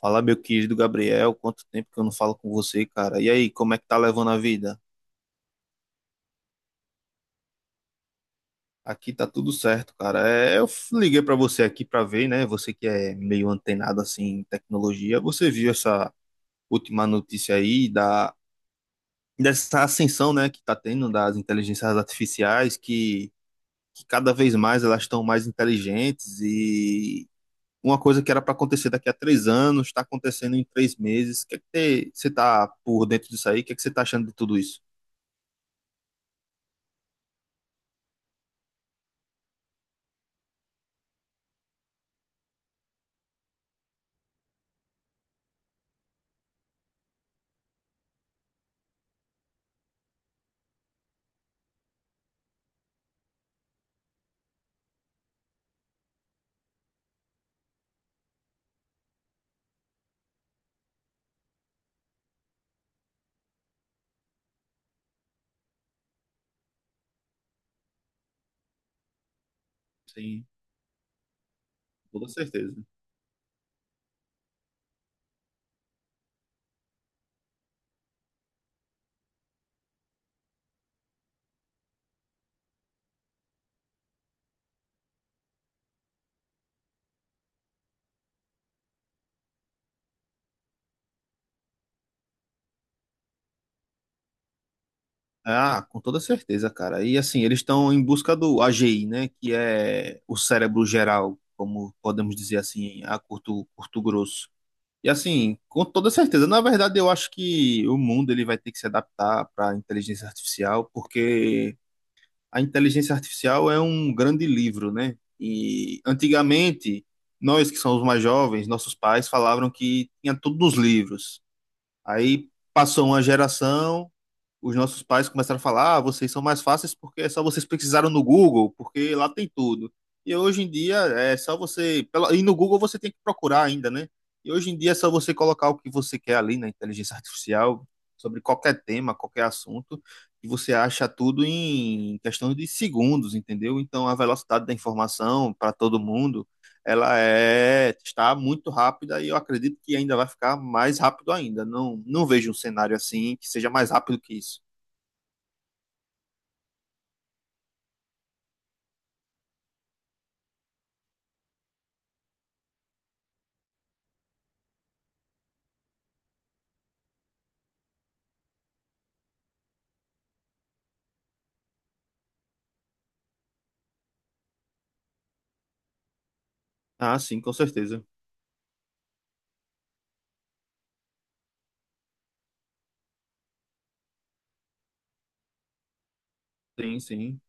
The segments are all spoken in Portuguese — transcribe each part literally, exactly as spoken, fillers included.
Fala, meu querido Gabriel, quanto tempo que eu não falo com você, cara? E aí, como é que tá levando a vida? Aqui tá tudo certo, cara. É, eu f- liguei pra você aqui pra ver, né? Você que é meio antenado assim em tecnologia, você viu essa última notícia aí da dessa ascensão, né, que tá tendo das inteligências artificiais que, que cada vez mais elas estão mais inteligentes e uma coisa que era pra acontecer daqui a três anos está acontecendo em três meses. O que é que você você tá por dentro disso aí? O que é que você tá achando de tudo isso? Sim. Toda certeza. Ah, com toda certeza, cara. E assim, eles estão em busca do A G I, né? Que é o cérebro geral, como podemos dizer assim, a curto, curto grosso. E assim, com toda certeza. Na verdade, eu acho que o mundo ele vai ter que se adaptar para a inteligência artificial, porque a inteligência artificial é um grande livro, né? E antigamente, nós que somos mais jovens, nossos pais falavam que tinha tudo nos livros. Aí passou uma geração. Os nossos pais começaram a falar: ah, vocês são mais fáceis porque é só vocês pesquisaram no Google, porque lá tem tudo. E hoje em dia é só você. pela- E no Google você tem que procurar ainda, né? E hoje em dia é só você colocar o que você quer ali na inteligência artificial, sobre qualquer tema, qualquer assunto, e você acha tudo em questão de segundos, entendeu? Então a velocidade da informação para todo mundo, ela é, está muito rápida e eu acredito que ainda vai ficar mais rápido ainda. Não, não vejo um cenário assim que seja mais rápido que isso. Ah, sim, com certeza. Sim, sim,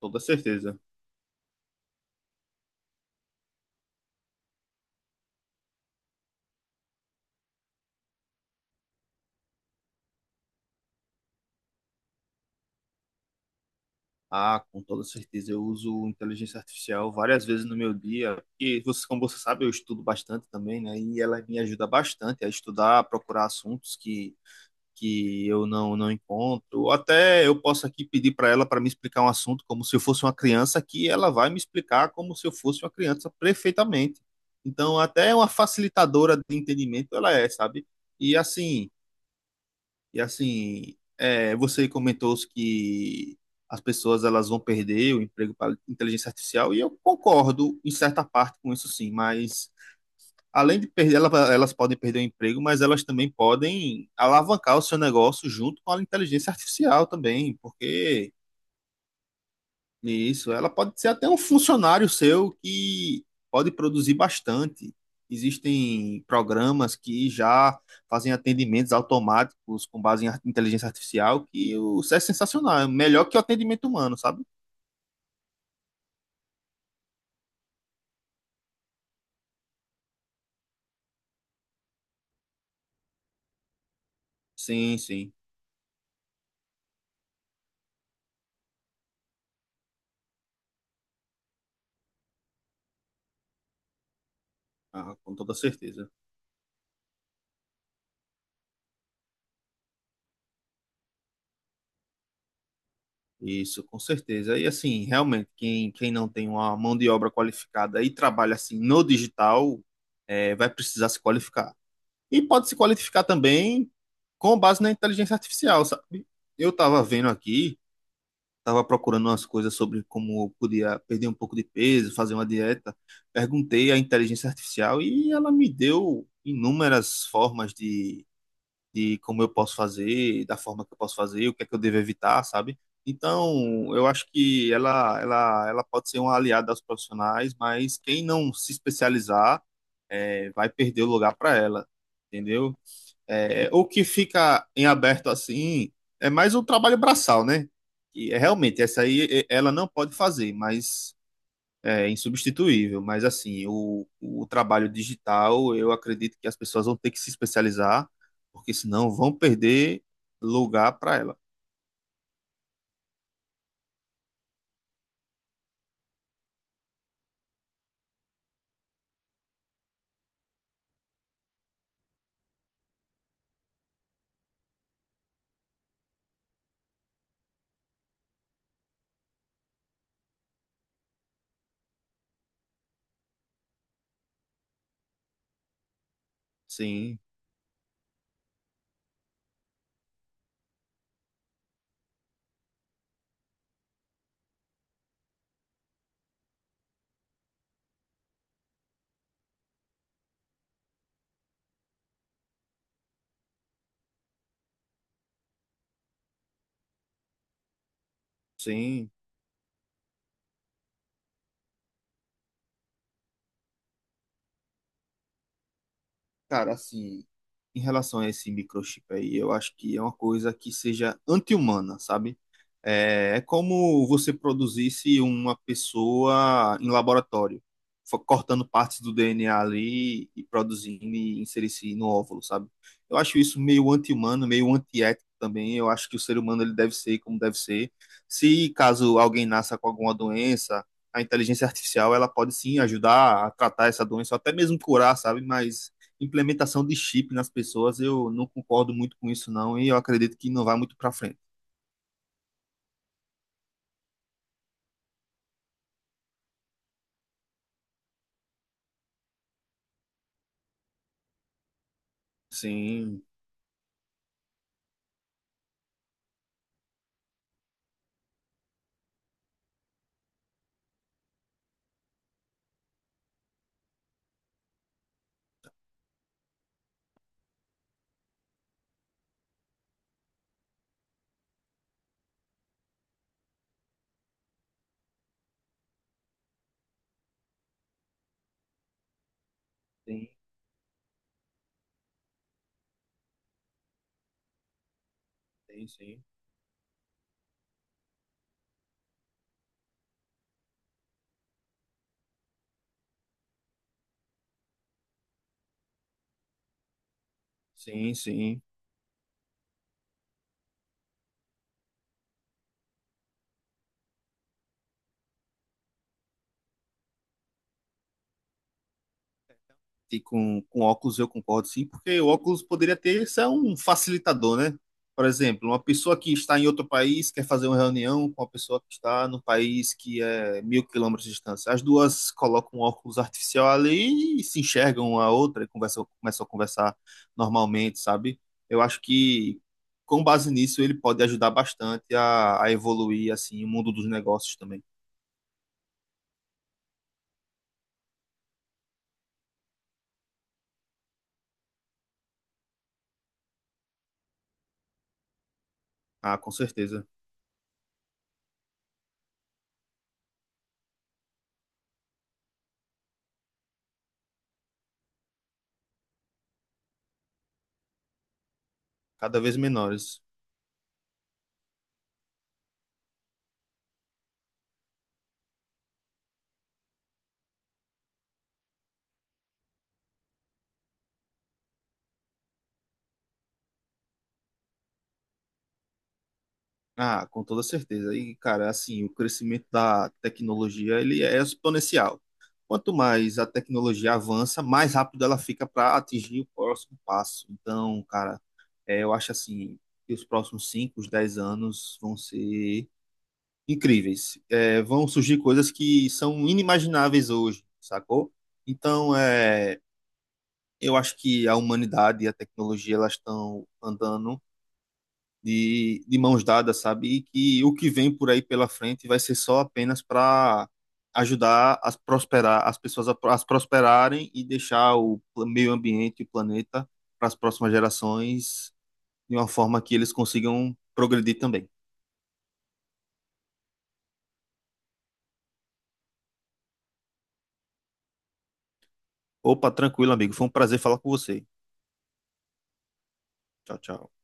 toda certeza. Ah, com toda certeza. Eu uso inteligência artificial várias vezes no meu dia. E você, como você sabe, eu estudo bastante também, né? E ela me ajuda bastante a estudar, a procurar assuntos que, que eu não, não encontro. Ou até eu posso aqui pedir para ela para me explicar um assunto como se eu fosse uma criança, que ela vai me explicar como se eu fosse uma criança perfeitamente. Então, até uma facilitadora de entendimento ela é, sabe? E assim. E assim, é, você comentou que as pessoas elas vão perder o emprego para a inteligência artificial, e eu concordo em certa parte com isso sim, mas além de perder, ela- elas podem perder o emprego, mas elas também podem alavancar o seu negócio junto com a inteligência artificial também, porque isso, ela pode ser até um funcionário seu que pode produzir bastante. Existem programas que já fazem atendimentos automáticos com base em ar- inteligência artificial, que o- isso é sensacional, é melhor que o atendimento humano, sabe? Sim, sim. Ah, com toda certeza. Isso, com certeza. E assim, realmente, quem, quem não tem uma mão de obra qualificada e trabalha assim no digital, eh, vai precisar se qualificar. E pode se qualificar também com base na inteligência artificial, sabe? Eu estava vendo aqui, estava procurando umas coisas sobre como eu podia perder um pouco de peso, fazer uma dieta. Perguntei à inteligência artificial e ela me deu inúmeras formas de, de como eu posso fazer, da forma que eu posso fazer, o que é que eu devo evitar, sabe? Então, eu acho que ela, ela, ela pode ser uma aliada aos profissionais, mas quem não se especializar, eh, vai perder o lugar para ela, entendeu? É, o que fica em aberto assim é mais o trabalho braçal, né? E é, realmente, essa aí é, ela não pode fazer, mas é insubstituível. Mas assim, o, o trabalho digital, eu acredito que as pessoas vão ter que se especializar, porque senão vão perder lugar para ela. Sim, sim. Cara, assim, em relação a esse microchip aí, eu acho que é uma coisa que seja anti-humana, sabe? É, é como você produzisse uma pessoa em laboratório, fo- cortando partes do D N A ali e produzindo e inserisse no óvulo, sabe? Eu acho isso meio anti-humano, meio antiético também. Eu acho que o ser humano ele deve ser como deve ser. Se caso alguém nasça com alguma doença, a inteligência artificial ela pode sim ajudar a tratar essa doença, ou até mesmo curar, sabe? Mas implementação de chip nas pessoas, eu não concordo muito com isso, não, e eu acredito que não vai muito para frente. Sim, sim, sim, sim, sim, sim. E com, com óculos eu concordo sim, porque o óculos poderia ter, isso é um facilitador, né? Por exemplo, uma pessoa que está em outro país quer fazer uma reunião com uma pessoa que está no país que é mil quilômetros de distância. As duas colocam um óculos artificial ali e se enxergam uma a outra e conversam, começam a conversar normalmente, sabe? Eu acho que com base nisso ele pode ajudar bastante a, a evoluir assim o mundo dos negócios também. Ah, com certeza. Cada vez menores. Ah, com toda certeza. E, cara, assim, o crescimento da tecnologia, ele é exponencial. Quanto mais a tecnologia avança, mais rápido ela fica para atingir o próximo passo. Então, cara, é, eu acho assim, que os próximos cinco, os dez anos vão ser incríveis. É, vão surgir coisas que são inimagináveis hoje, sacou? Então, é, eu acho que a humanidade e a tecnologia, elas estão andando de, de mãos dadas, sabe? E que o que vem por aí pela frente vai ser só apenas para ajudar a prosperar, as pessoas a, a prosperarem e deixar o pla- meio ambiente e o planeta para as próximas gerações de uma forma que eles consigam progredir também. Opa, tranquilo, amigo. Foi um prazer falar com você. Tchau, tchau.